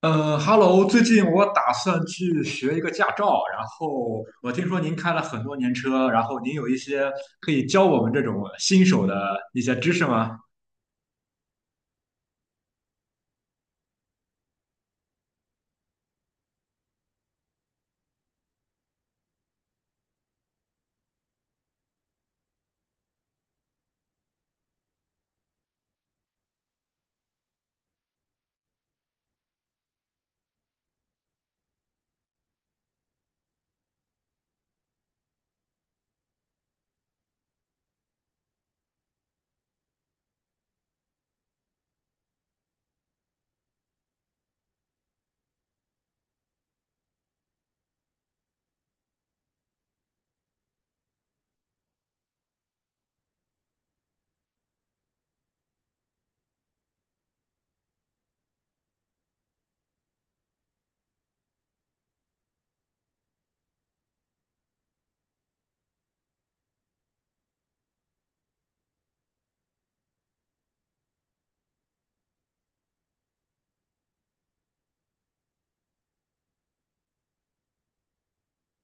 Hello，最近我打算去学一个驾照，然后我听说您开了很多年车，然后您有一些可以教我们这种新手的一些知识吗？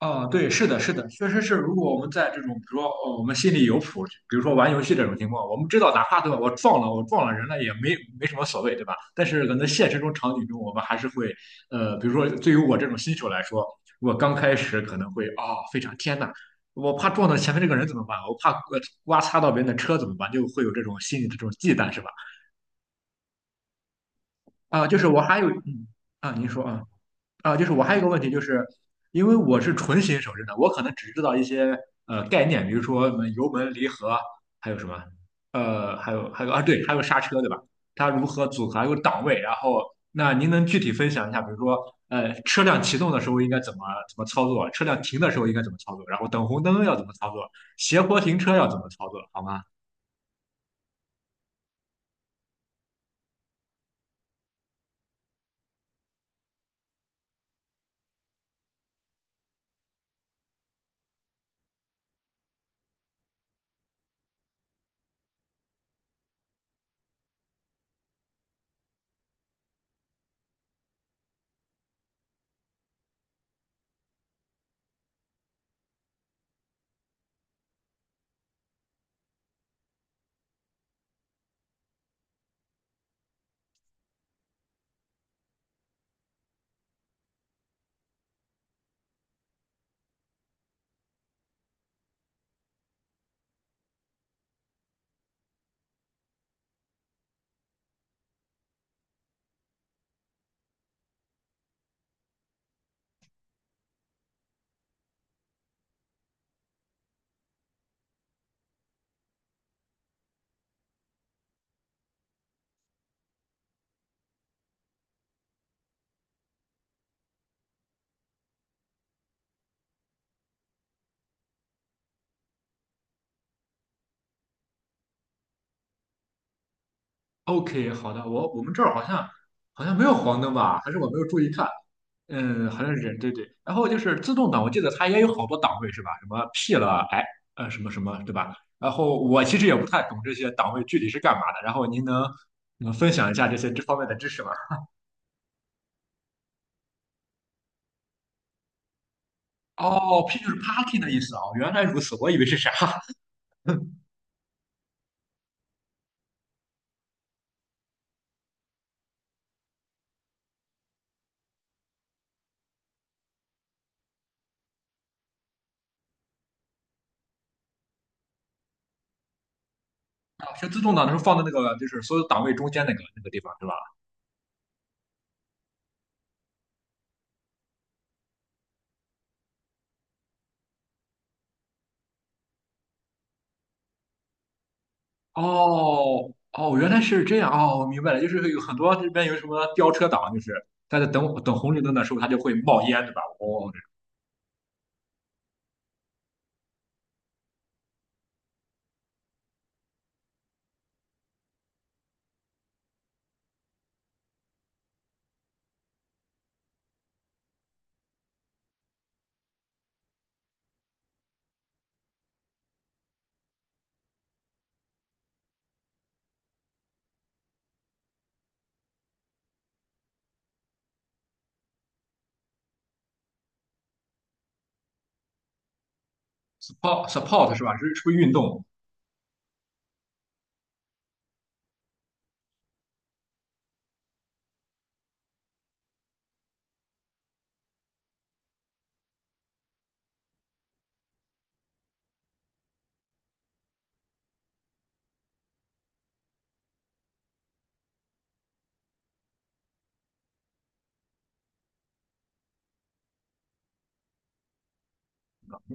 哦，对，是的，是的，确实是。如果我们在这种，比如说，我们心里有谱，比如说玩游戏这种情况，我们知道，哪怕对吧，我撞了，我撞了人了，也没什么所谓，对吧？但是可能现实中场景中，我们还是会，比如说，对于我这种新手来说，我刚开始可能会非常天呐，我怕撞到前面这个人怎么办？我怕刮擦到别人的车怎么办？就会有这种心理的这种忌惮，是吧？就是我还有，嗯，啊，您说啊。啊，就是我还有一个问题，就是因为我是纯新手，真的，我可能只知道一些概念，比如说什么油门、离合，还有什么，呃，还有啊，对，还有刹车，对吧？它如何组合，还有档位，然后那您能具体分享一下，比如说车辆启动的时候应该怎么操作，车辆停的时候应该怎么操作，然后等红灯要怎么操作，斜坡停车要怎么操作，好吗？OK，好的，我们这儿好像没有黄灯吧？还是我没有注意看？嗯，好像是对对。然后就是自动挡，我记得它也有好多档位是吧？什么 P 了，哎，什么什么，对吧？然后我其实也不太懂这些档位具体是干嘛的。然后您能分享一下这些这方面的知识吗？哦，P 就是 parking 的意思啊，原来如此，我以为是啥？啊，是自动挡的时候放在那个就是所有档位中间那个地方对吧？哦哦，原来是这样哦，我明白了，就是有很多这边有什么飙车党，就是他在等红绿灯的时候，它就会冒烟，对吧？哦，support 是吧？是不是运动？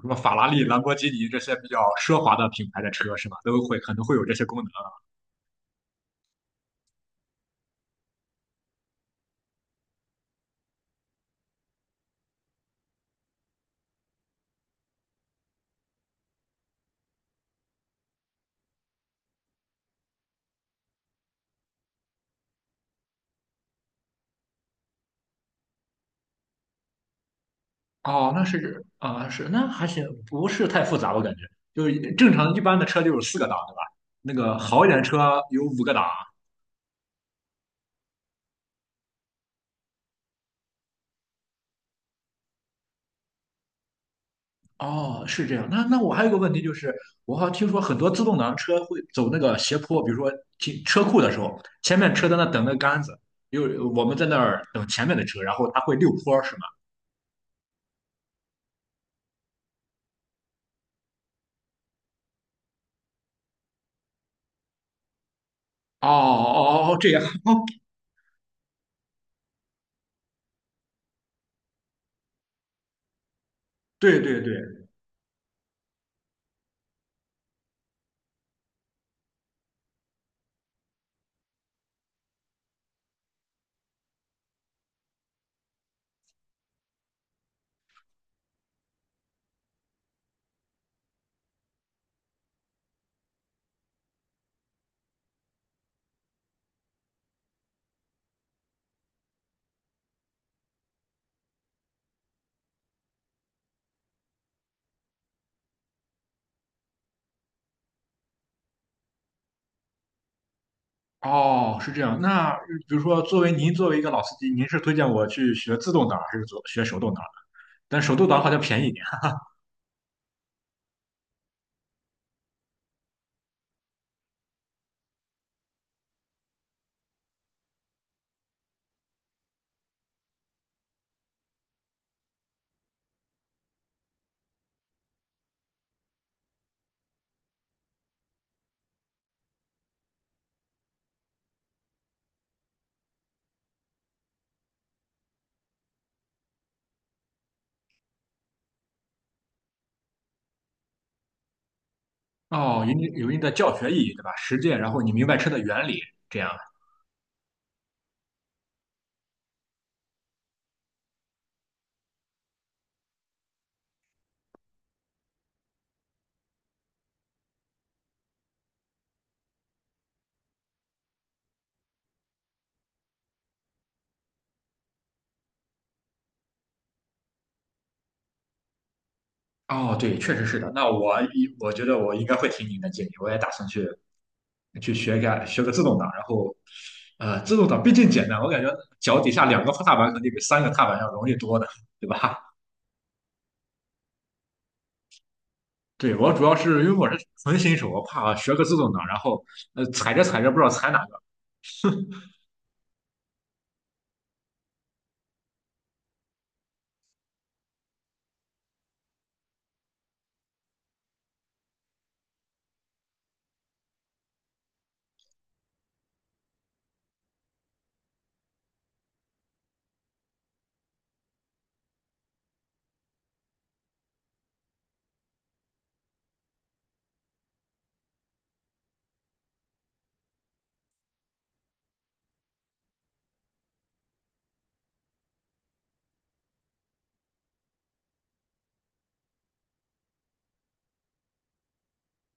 什么法拉利、兰博基尼这些比较奢华的品牌的车是吧？都会可能会有这些功能。哦，那是是那还行，不是太复杂，我感觉就是正常一般的车就有四个档，对吧？那个好一点的车有五个档。哦，是这样。那我还有一个问题就是，我好像听说很多自动挡车会走那个斜坡，比如说停车库的时候，前面车在那等那杆子，因为我们在那儿等前面的车，然后它会溜坡，是吗？哦哦哦，这样，哦，对对对，哦，是这样。那比如说，作为您作为一个老司机，您是推荐我去学自动挡还是学手动挡？但手动挡好像便宜一点。哦，有一定的教学意义，对吧？实践，然后你明白车的原理，这样。哦，对，确实是的。那我觉得我应该会听您的建议，我也打算去学个自动挡，然后自动挡毕竟简单，我感觉脚底下两个踏板肯定比三个踏板要容易多的，对吧？对，我主要是因为我是纯新手，我怕学个自动挡，然后踩着踩着不知道踩哪个。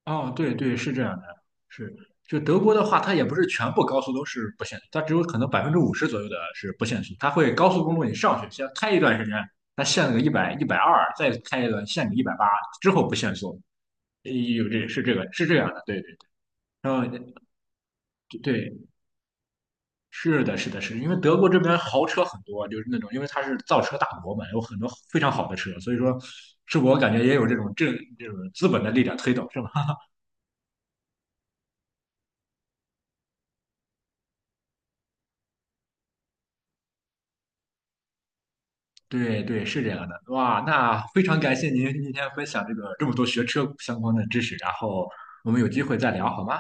哦，对对，是这样的，是就德国的话，它也不是全部高速都是不限速，它只有可能50%左右的是不限速，它会高速公路你上去先开一段时间，它限个一百一百二，120再开一段限你180，之后不限速。有这是这个是这样的，对对，然后对，是的，是的，是的因为德国这边豪车很多，就是那种，因为它是造车大国嘛，有很多非常好的车，所以说，是我感觉也有这种资本的力量推动，是吧？对对，是这样的。哇，那非常感谢您今天分享这个这么多学车相关的知识，然后我们有机会再聊好吗？